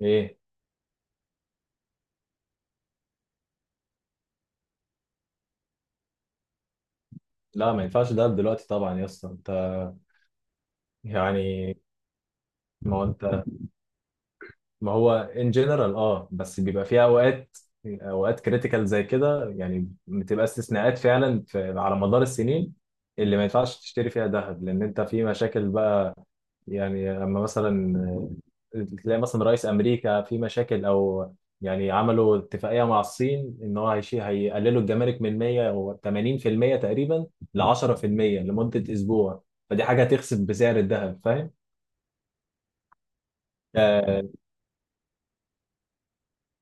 ايه. لا، ما ينفعش دهب دلوقتي طبعا يا اسطى. انت يعني ما هو انت ما هو ان جنرال، بس بيبقى فيها اوقات، اوقات كريتيكال زي كده. يعني بتبقى استثناءات فعلا في على مدار السنين اللي ما ينفعش تشتري فيها ذهب لان انت في مشاكل بقى. يعني لما مثلا تلاقي مثلا رئيس امريكا في مشاكل، او يعني عملوا اتفاقيه مع الصين ان هو هيقللوا الجمارك من 100 و 80% تقريبا ل 10% لمده اسبوع. فدي حاجه هتخسف بسعر الذهب، فاهم؟ آه.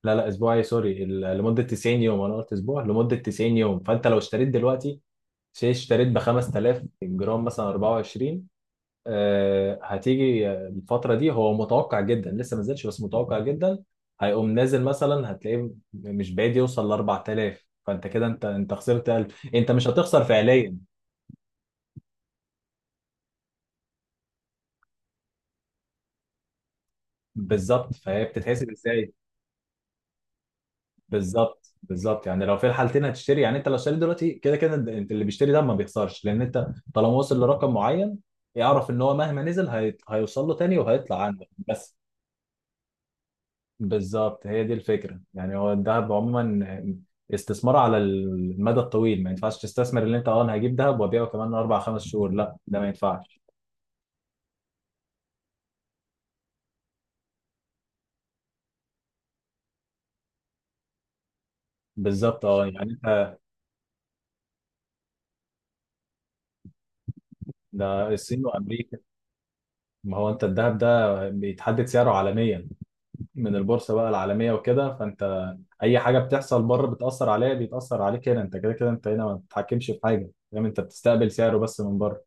لا لا، اسبوع ايه، سوري، لمده 90 يوم. انا قلت اسبوع، لمده 90 يوم. فانت لو اشتريت دلوقتي شيء، اشتريت ب 5000 الجرام مثلا 24. آه، هتيجي الفترة دي، هو متوقع جدا لسه ما نزلش بس متوقع جدا هيقوم نازل. مثلا هتلاقيه مش بعيد يوصل ل 4000، فانت كده انت خسرت 1000. انت مش هتخسر فعليا. بالظبط، فهي بتتحسب ازاي؟ بالظبط بالظبط، يعني لو في الحالتين هتشتري. يعني انت لو اشتريت دلوقتي كده كده انت اللي بيشتري ده ما بيخسرش، لان انت طالما وصل لرقم معين يعرف ان هو مهما نزل هيوصل له تاني وهيطلع عنده بس. بالظبط، هي دي الفكرة. يعني هو الذهب عموما استثمار على المدى الطويل، ما ينفعش تستثمر. اللي انت انا هجيب ذهب وابيعه كمان اربع خمس شهور، لا ده ما ينفعش. بالظبط اه. يعني انت، ده الصين وامريكا. ما هو انت الذهب ده بيتحدد سعره عالميا من البورصة بقى العالمية وكده. فانت اي حاجة بتحصل بره بتأثر عليها، بيتأثر عليك هنا. انت كده كده انت هنا ما بتتحكمش في حاجة، فاهم؟ انت بتستقبل سعره بس من بره.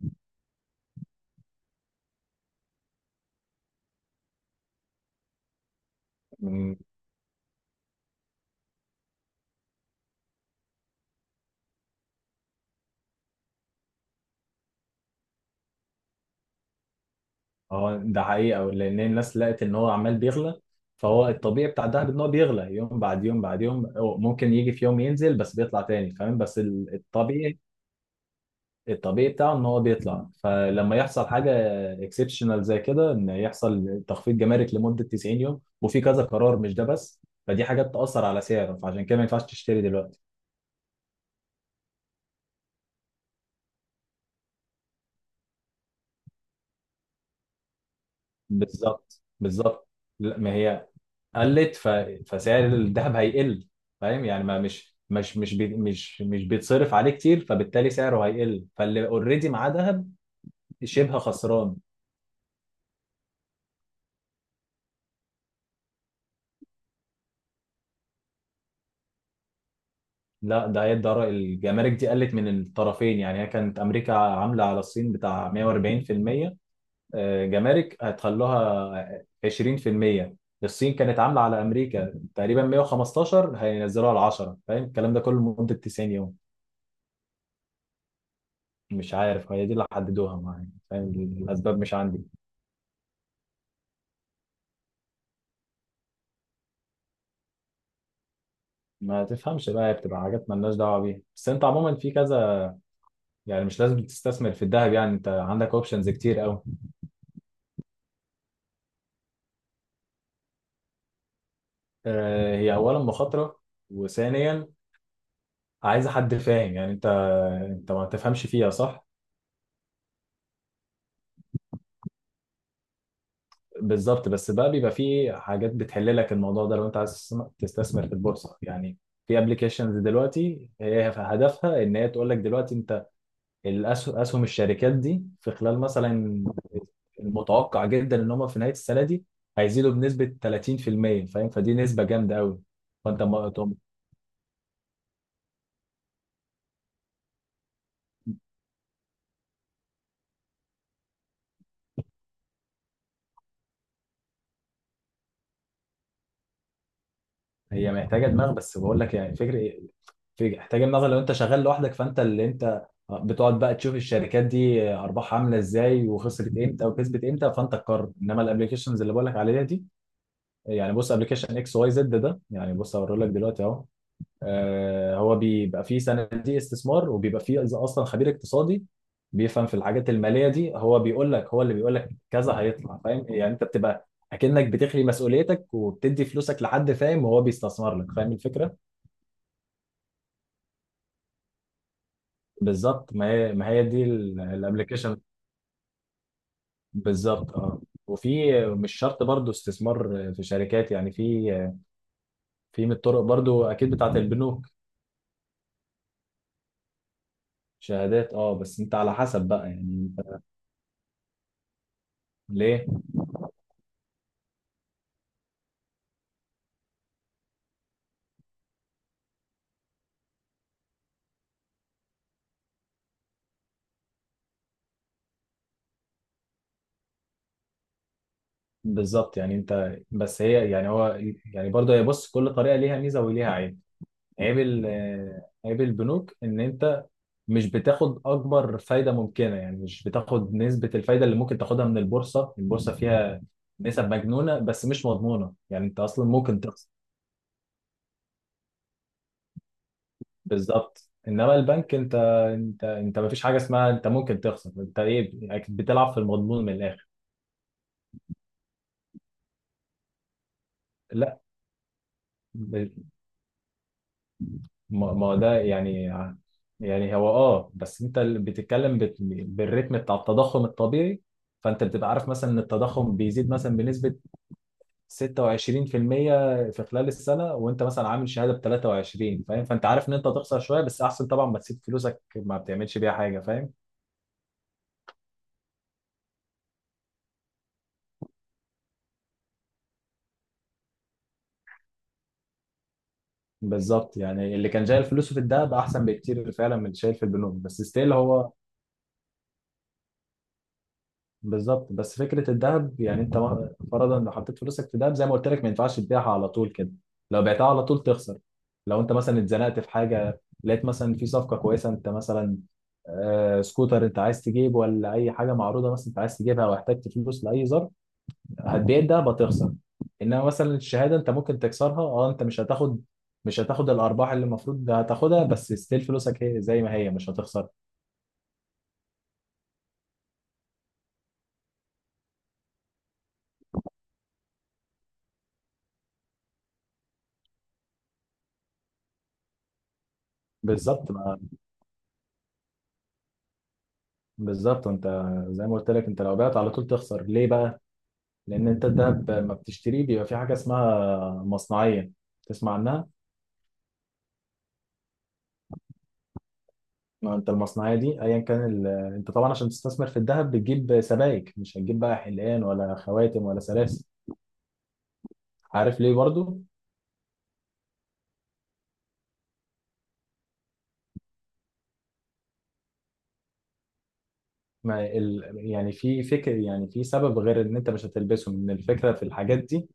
اه ده حقيقة، لأن الناس لقت إن هو عمال بيغلى. فهو الطبيعي بتاع الدهب إن هو بيغلى يوم بعد يوم بعد يوم. هو ممكن يجي في يوم ينزل بس بيطلع تاني، فاهم؟ بس الطبيعي، الطبيعي بتاعه إن هو بيطلع. فلما يحصل حاجة اكسبشنال زي كده، إن يحصل تخفيض جمارك لمدة 90 يوم وفي كذا قرار مش ده بس، فدي حاجات تأثر على سعره. فعشان كده ما ينفعش تشتري دلوقتي. بالظبط بالظبط. لا ما هي قلت، فسعر الذهب هيقل، فاهم؟ يعني ما مش مش مش بي... مش مش بيتصرف عليه كتير، فبالتالي سعره هيقل. فاللي اوريدي معاه ذهب شبه خسران. لا، ده هي الجمارك دي قلت من الطرفين. يعني هي كانت امريكا عامله على الصين بتاع 140%، آه، جمارك هتخلوها 20%. الصين كانت عامله على امريكا تقريبا 115 هينزلوها على 10. فاهم الكلام ده كله لمده 90 يوم. مش عارف، هي دي اللي حددوها معايا، فاهم. الاسباب مش عندي. ما تفهمش بقى، هي بتبقى حاجات مالناش دعوه بيها. بس انت عموما في كذا، يعني مش لازم تستثمر في الذهب. يعني انت عندك اوبشنز كتير قوي. آه، هي اولا مخاطره، وثانيا عايزه حد فاهم. يعني انت ما تفهمش فيها صح. بالظبط، بس بقى بيبقى في حاجات بتحل لك الموضوع ده لو انت عايز تستثمر في البورصه. يعني في ابلكيشنز دلوقتي هي هدفها ان هي تقول لك دلوقتي انت الاسهم، الشركات دي في خلال مثلا، المتوقع جدا ان هم في نهايه السنه دي هيزيدوا بنسبه 30%، فاهم؟ فدي نسبه جامده قوي. فانت ما طب. هي محتاجه دماغ بس بقول لك يعني فكره. محتاجه دماغ لو انت شغال لوحدك. فانت اللي انت بتقعد بقى تشوف الشركات دي ارباحها عامله ازاي، وخسرت امتى وكسبت امتى، فانت تقرر. انما الابلكيشنز اللي بقول لك عليها دي، يعني بص ابلكيشن اكس واي زد ده، يعني بص هوريه لك دلوقتي اهو. آه، هو بيبقى فيه صناديق استثمار، وبيبقى فيه إذا اصلا خبير اقتصادي بيفهم في الحاجات الماليه دي. هو بيقول لك، هو اللي بيقول لك كذا هيطلع، فاهم؟ يعني انت بتبقى اكنك بتخلي مسؤوليتك وبتدي فلوسك لحد، فاهم، وهو بيستثمر لك، فاهم الفكره. بالظبط، ما هي ما هي دي الابلكيشن. بالظبط اه. وفي مش شرط برضو استثمار في شركات. يعني في، في من الطرق برضو اكيد بتاعت البنوك. شهادات اه، بس انت على حسب بقى يعني. انت ليه؟ بالظبط، يعني انت، بس هي، يعني هو، يعني برضه هي بص، كل طريقه ليها ميزه وليها عيب. عيب آه، عيب البنوك ان انت مش بتاخد اكبر فايده ممكنه. يعني مش بتاخد نسبه الفايده اللي ممكن تاخدها من البورصه. البورصه فيها نسب مجنونه، بس مش مضمونه. يعني انت اصلا ممكن تخسر. بالظبط، انما البنك انت، انت ما فيش حاجه اسمها انت ممكن تخسر. انت ايه، بتلعب في المضمون من الاخر. لا، ما ده يعني، يعني هو اه بس انت اللي بتتكلم بالريتم بتاع التضخم الطبيعي. فانت بتبقى عارف مثلا ان التضخم بيزيد مثلا بنسبة 26% في المية في خلال السنة، وانت مثلا عامل شهادة ب 23، فاهم؟ فانت عارف ان انت هتخسر شوية، بس احسن طبعا ما تسيب فلوسك ما بتعملش بيها حاجة، فاهم. بالظبط، يعني اللي كان شايل فلوسه في الدهب احسن بكتير فعلا من اللي شايل في البنوك، بس ستيل هو. بالظبط، بس فكره الذهب يعني انت فرضا لو حطيت فلوسك في ذهب زي ما قلت لك ما ينفعش تبيعها على طول كده. لو بعتها على طول تخسر. لو انت مثلا اتزنقت في حاجه لقيت مثلا في صفقه كويسه، انت مثلا آه، سكوتر انت عايز تجيب، ولا اي حاجه معروضه مثلا انت عايز تجيبها، او احتجت فلوس لاي ظرف، هتبيع الدهب هتخسر. انما مثلا الشهاده انت ممكن تكسرها، اه انت مش هتاخد، مش هتاخد الارباح اللي المفروض هتاخدها، بس ستيل فلوسك هي زي ما هي مش هتخسر. بالظبط بالظبط، انت زي ما قلت لك انت لو بعت على طول تخسر. ليه بقى؟ لان انت الذهب ما بتشتريه بيبقى في حاجه اسمها مصنعيه، تسمع عنها. ما انت المصنعيه دي ايا كان ال... انت طبعا عشان تستثمر في الذهب بتجيب سبائك، مش هتجيب بقى حلقان ولا خواتم ولا سلاسل، عارف ليه برضو. ما ال... يعني في فكر، يعني في سبب غير ان انت مش هتلبسهم، ان الفكره في الحاجات دي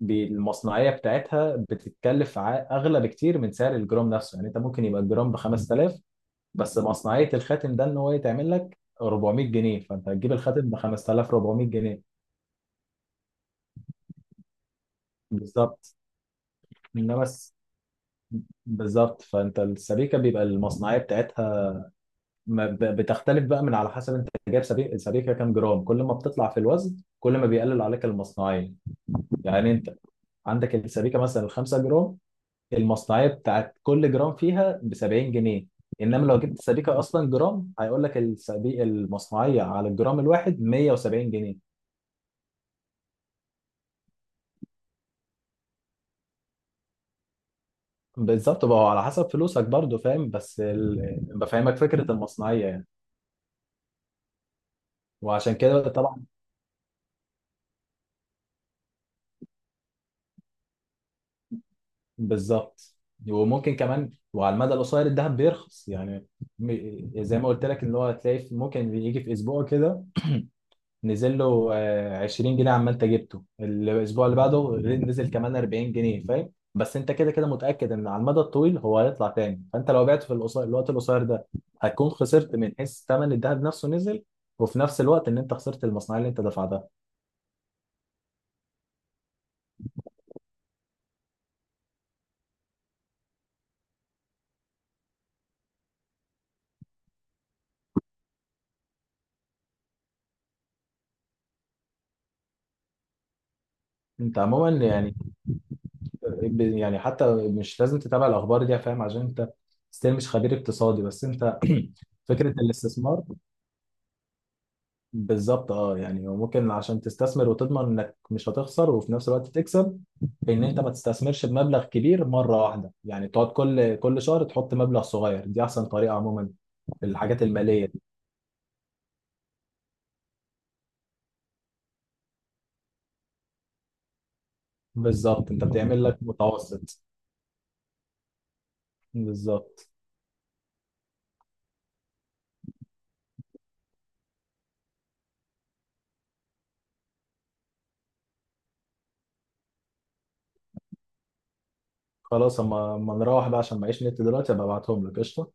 المصنعيه بتاعتها بتتكلف اغلى بكتير من سعر الجرام نفسه. يعني انت ممكن يبقى الجرام ب 5000، بس مصنعية الخاتم ده ان هو يتعمل لك 400 جنيه، فانت هتجيب الخاتم ب 5400 جنيه. بالظبط، انما بس بالظبط، فانت السبيكة بيبقى المصنعية بتاعتها ما ب- بتختلف بقى من على حسب انت جايب سبيكة، السبيكة كام جرام. كل ما بتطلع في الوزن كل ما بيقلل عليك المصنعية. يعني انت عندك السبيكة مثلا 5 جرام، المصنعية بتاعت كل جرام فيها ب 70 جنيه. انما لو جبت سبيكة اصلا جرام هيقول لك المصنعية على الجرام الواحد 170 جنيه. بالظبط بقى هو على حسب فلوسك برضو، فاهم، بس بفهمك فكرة المصنعية يعني. وعشان كده طبعا. بالظبط، وممكن كمان وعلى المدى القصير الذهب بيرخص. يعني زي ما قلت لك ان هو هتلاقي ممكن يجي في اسبوع كده نزل له آه، 20 جنيه. عمال انت جبته الاسبوع اللي بعده نزل كمان 40 جنيه، فاهم. بس انت كده كده متأكد ان على المدى الطويل هو هيطلع تاني. فانت لو بعته في القصير الوقت القصير ده هتكون خسرت من حيث ثمن الذهب نفسه نزل، وفي نفس الوقت ان انت خسرت المصنعية اللي انت دفعتها. انت عموما يعني يعني حتى مش لازم تتابع الاخبار دي يا فاهم عشان انت ستيل مش خبير اقتصادي. بس انت فكره الاستثمار، بالظبط اه. يعني وممكن عشان تستثمر وتضمن انك مش هتخسر وفي نفس الوقت تكسب، ان انت ما تستثمرش بمبلغ كبير مره واحده. يعني تقعد كل كل شهر تحط مبلغ صغير، دي احسن طريقه عموما في الحاجات الماليه دي. بالظبط، انت بتعمل لك متوسط. بالظبط. خلاص اما اما نروح بقى عشان معيش نت دلوقتي، ابقى ابعتهم لك قشطه